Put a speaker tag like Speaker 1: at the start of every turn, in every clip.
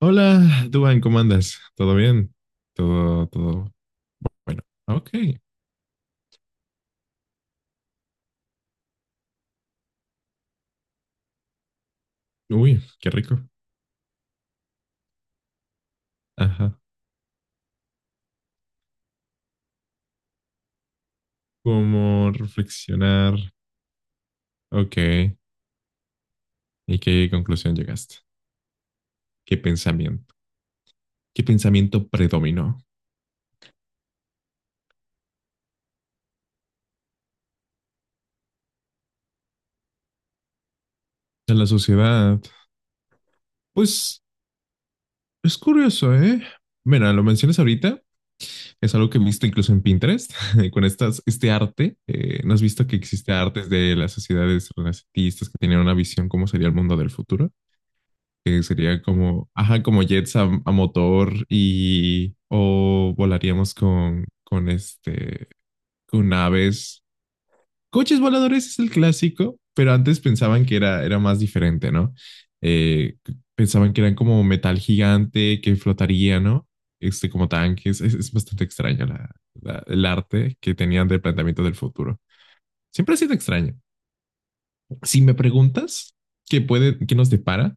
Speaker 1: Hola, Duan, ¿cómo andas? ¿Todo bien? Todo, todo. Bueno, ok. Uy, qué rico. Ajá. ¿Cómo reflexionar? Ok. ¿Y qué conclusión llegaste? ¿Qué pensamiento? ¿Qué pensamiento predominó en la sociedad? Pues es curioso, ¿eh? Mira, lo mencionas ahorita. Es algo que he visto incluso en Pinterest, con este arte. ¿No has visto que existe artes de las sociedades renacentistas que tenían una visión cómo sería el mundo del futuro? Que sería como, ajá, como jets a motor y o volaríamos con con aves. Coches voladores es el clásico, pero antes pensaban que era más diferente, ¿no? Eh, pensaban que eran como metal gigante que flotaría, ¿no? Este, como tanques. Es bastante extraño el arte que tenían del planteamiento del futuro. Siempre ha sido extraño. Si me preguntas qué nos depara,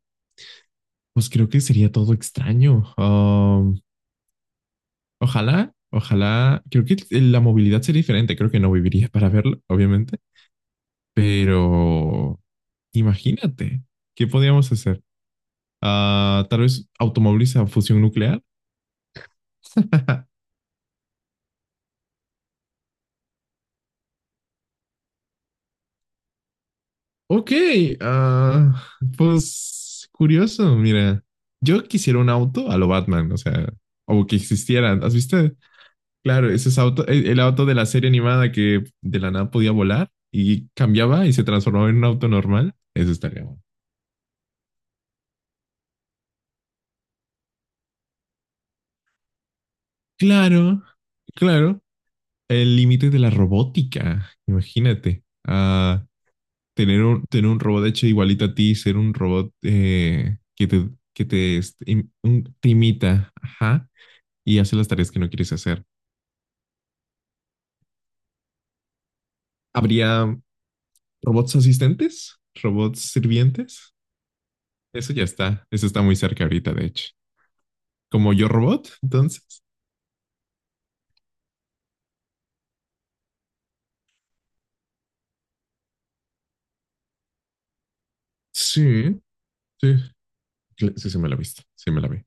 Speaker 1: pues creo que sería todo extraño. Ojalá, ojalá, creo que la movilidad sería diferente, creo que no viviría para verlo, obviamente, pero imagínate, ¿qué podríamos hacer? Ah, tal vez automóviles a fusión nuclear. Ok, ah, pues curioso, mira, yo quisiera un auto a lo Batman, o sea, o que existieran, ¿has visto? Claro, ese es auto, el auto de la serie animada que de la nada podía volar y cambiaba y se transformaba en un auto normal, eso estaría bueno. Claro, claro. El límite de la robótica, imagínate. Tener un robot hecho igualito a ti, ser un robot que te, este, im- un- te imita, ajá, y hace las tareas que no quieres hacer. ¿Habría robots asistentes? ¿Robots sirvientes? Eso ya está, eso está muy cerca ahorita, de hecho. ¿Como yo robot? Entonces. Sí, sí, sí, sí me la vi.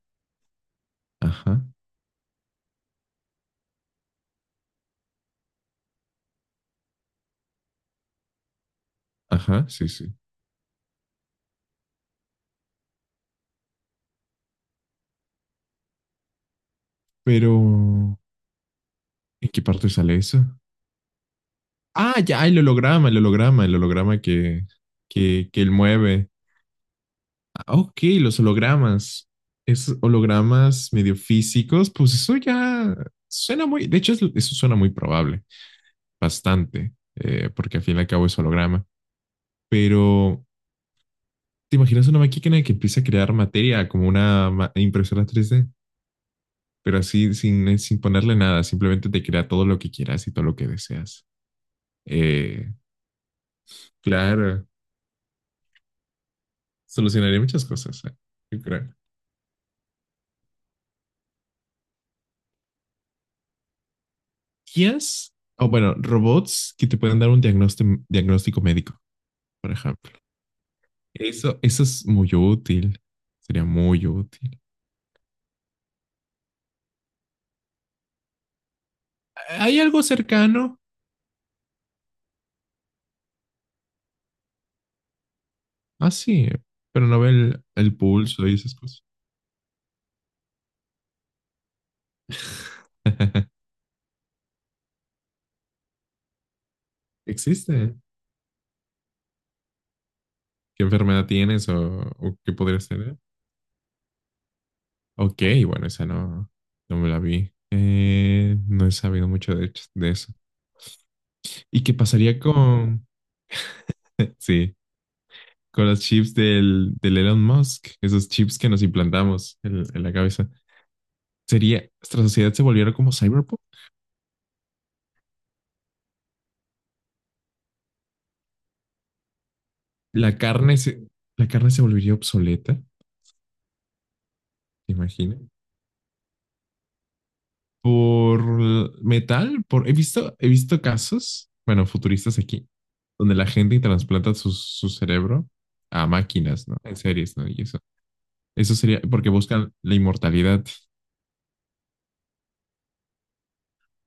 Speaker 1: Ajá, ajá, sí, sí. Pero ¿en qué parte sale eso? Ah, ya, el holograma, el holograma, el holograma que él mueve. Ah, ok, los hologramas. Esos hologramas medio físicos, pues eso ya suena muy, de hecho, eso suena muy probable, bastante, porque al fin y al cabo es holograma. Pero, ¿te imaginas una máquina que empieza a crear materia como una impresora 3D? Pero así, sin ponerle nada, simplemente te crea todo lo que quieras y todo lo que deseas. Eh, claro. Solucionaría muchas cosas, yo creo. IAs, o bueno, robots que te pueden dar un diagnóstico, diagnóstico médico, por ejemplo. Eso es muy útil. Sería muy útil. ¿Hay algo cercano? Ah, sí, pero no ve el pulso y esas cosas. Existe. ¿Qué enfermedad tienes o qué podrías tener? Ok, bueno, esa no, no me la vi. No he sabido mucho de eso. ¿Y qué pasaría con... sí, con los chips del Elon Musk, esos chips que nos implantamos en la cabeza. Sería, nuestra sociedad se volviera como Cyberpunk. La carne se, la carne se volvería obsoleta, ¿te imaginas? Por metal, por, he visto casos, bueno, futuristas aquí, donde la gente transplanta su cerebro a máquinas, ¿no? En series, ¿no? Eso sería porque buscan la inmortalidad,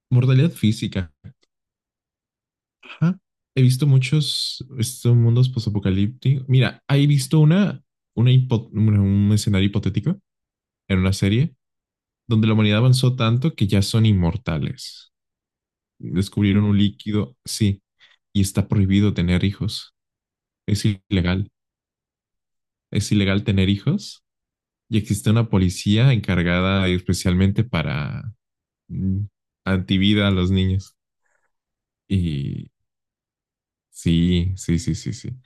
Speaker 1: mortalidad física. Ajá. He visto muchos estos mundos posapocalípticos. Mira, he visto bueno, un escenario hipotético en una serie donde la humanidad avanzó tanto que ya son inmortales. Descubrieron un líquido, sí, y está prohibido tener hijos. Es ilegal. Es ilegal tener hijos y existe una policía encargada especialmente para mm, antivida a los niños. Y sí, sí, sí, sí, sí.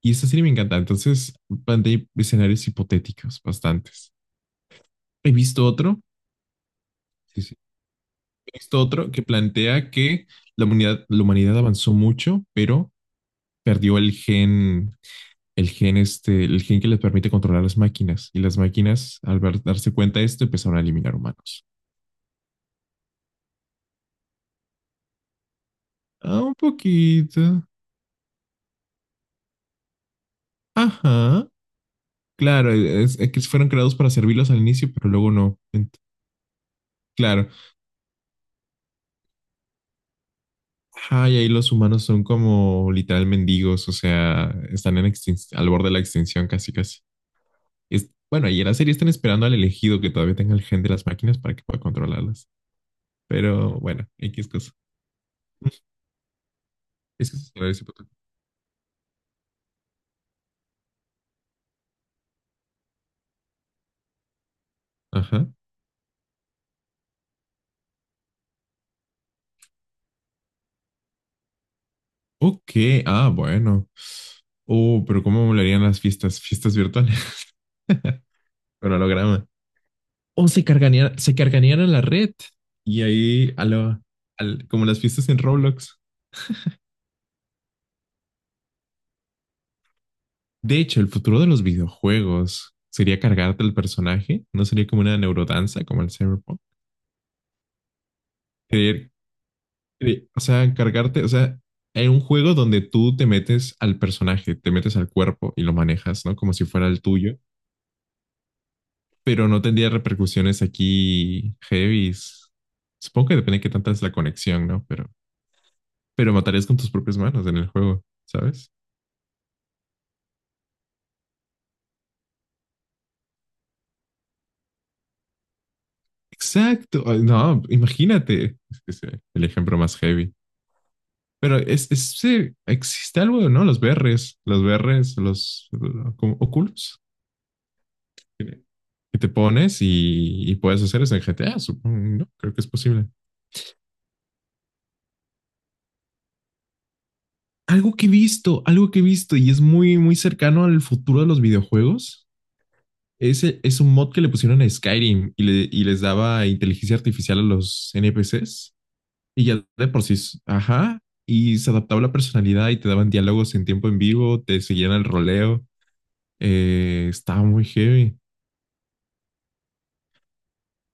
Speaker 1: Y esta serie me encanta. Entonces, planteé escenarios hipotéticos, bastantes. He visto otro, sí, sí, he visto otro que plantea que la humanidad avanzó mucho, pero perdió el gen este, el gen que les permite controlar las máquinas. Y las máquinas, al darse cuenta de esto, empezaron a eliminar humanos. Ah, un poquito. Ajá. Claro, es que fueron creados para servirlos al inicio, pero luego no. Ent- claro. Ajá, y ahí los humanos son como literal mendigos, o sea, están en al borde de la extinción casi casi. Es, bueno, y en la serie están esperando al elegido que todavía tenga el gen de las máquinas para que pueda controlarlas. Pero bueno, X cosa. Es que se sabe ese punto. Ajá. Ok, bueno. Oh, pero ¿cómo molarían las fiestas? Fiestas virtuales. Con holograma. O se cargarían a la red. Y ahí, como las fiestas en Roblox. De hecho, el futuro de los videojuegos sería cargarte el personaje, no sería como una neurodanza como el Cyberpunk. Sería- o sea, o sea, hay un juego donde tú te metes al personaje, te metes al cuerpo y lo manejas, ¿no? Como si fuera el tuyo, pero no tendría repercusiones aquí heavies. Supongo que depende de qué tanta es la conexión, ¿no? Pero matarías con tus propias manos en el juego, ¿sabes? Exacto. Ay, no, imagínate. Es que es el ejemplo más heavy. Pero sí, existe algo, ¿no? Los BRs, como Oculus, que que te pones y puedes hacer eso en GTA, supongo, ¿no? Creo que es posible. Algo que he visto y es muy, muy cercano al futuro de los videojuegos. Ese es un mod que le pusieron a Skyrim y, y les daba inteligencia artificial a los NPCs y ya de por sí, ajá, y se adaptaba la personalidad y te daban diálogos en tiempo en vivo, te seguían el roleo. Estaba muy heavy.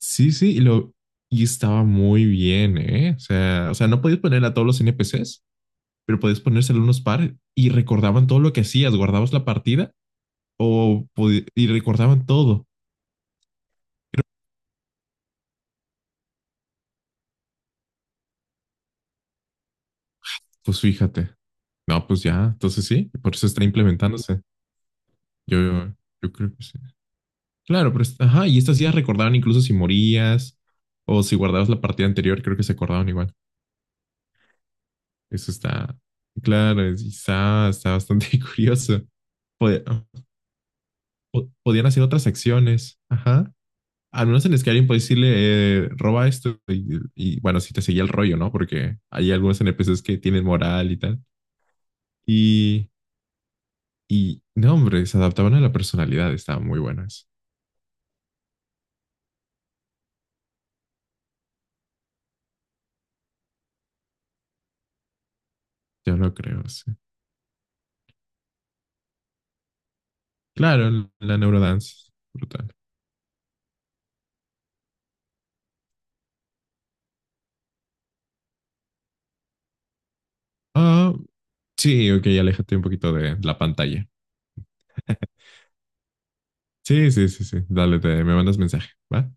Speaker 1: Sí, sí, y, lo, y estaba muy bien, ¿eh? O sea, no podías poner a todos los NPCs, pero podías poner solo unos par y recordaban todo lo que hacías, guardabas la partida y recordaban todo. Pues fíjate. No, pues ya, entonces sí, por eso está implementándose. Yo, yo creo que sí. Claro, pero ajá, y estas ya recordaban incluso si morías o si guardabas la partida anterior, creo que se acordaban igual. Eso está, claro, está, está bastante curioso. Podían hacer otras acciones. Ajá. Al menos en Skyrim puedes decirle, roba esto. Y, bueno, si te seguía el rollo, ¿no? Porque hay algunos NPCs que tienen moral y tal. Y, y no, hombre, se adaptaban a la personalidad. Estaban muy buenas. Yo lo creo, sí. Claro, la neurodance. Brutal. Ah, sí, ok, aléjate un poquito de la pantalla. Sí, sí, sí, sí. Dale, te, me mandas mensaje, ¿va?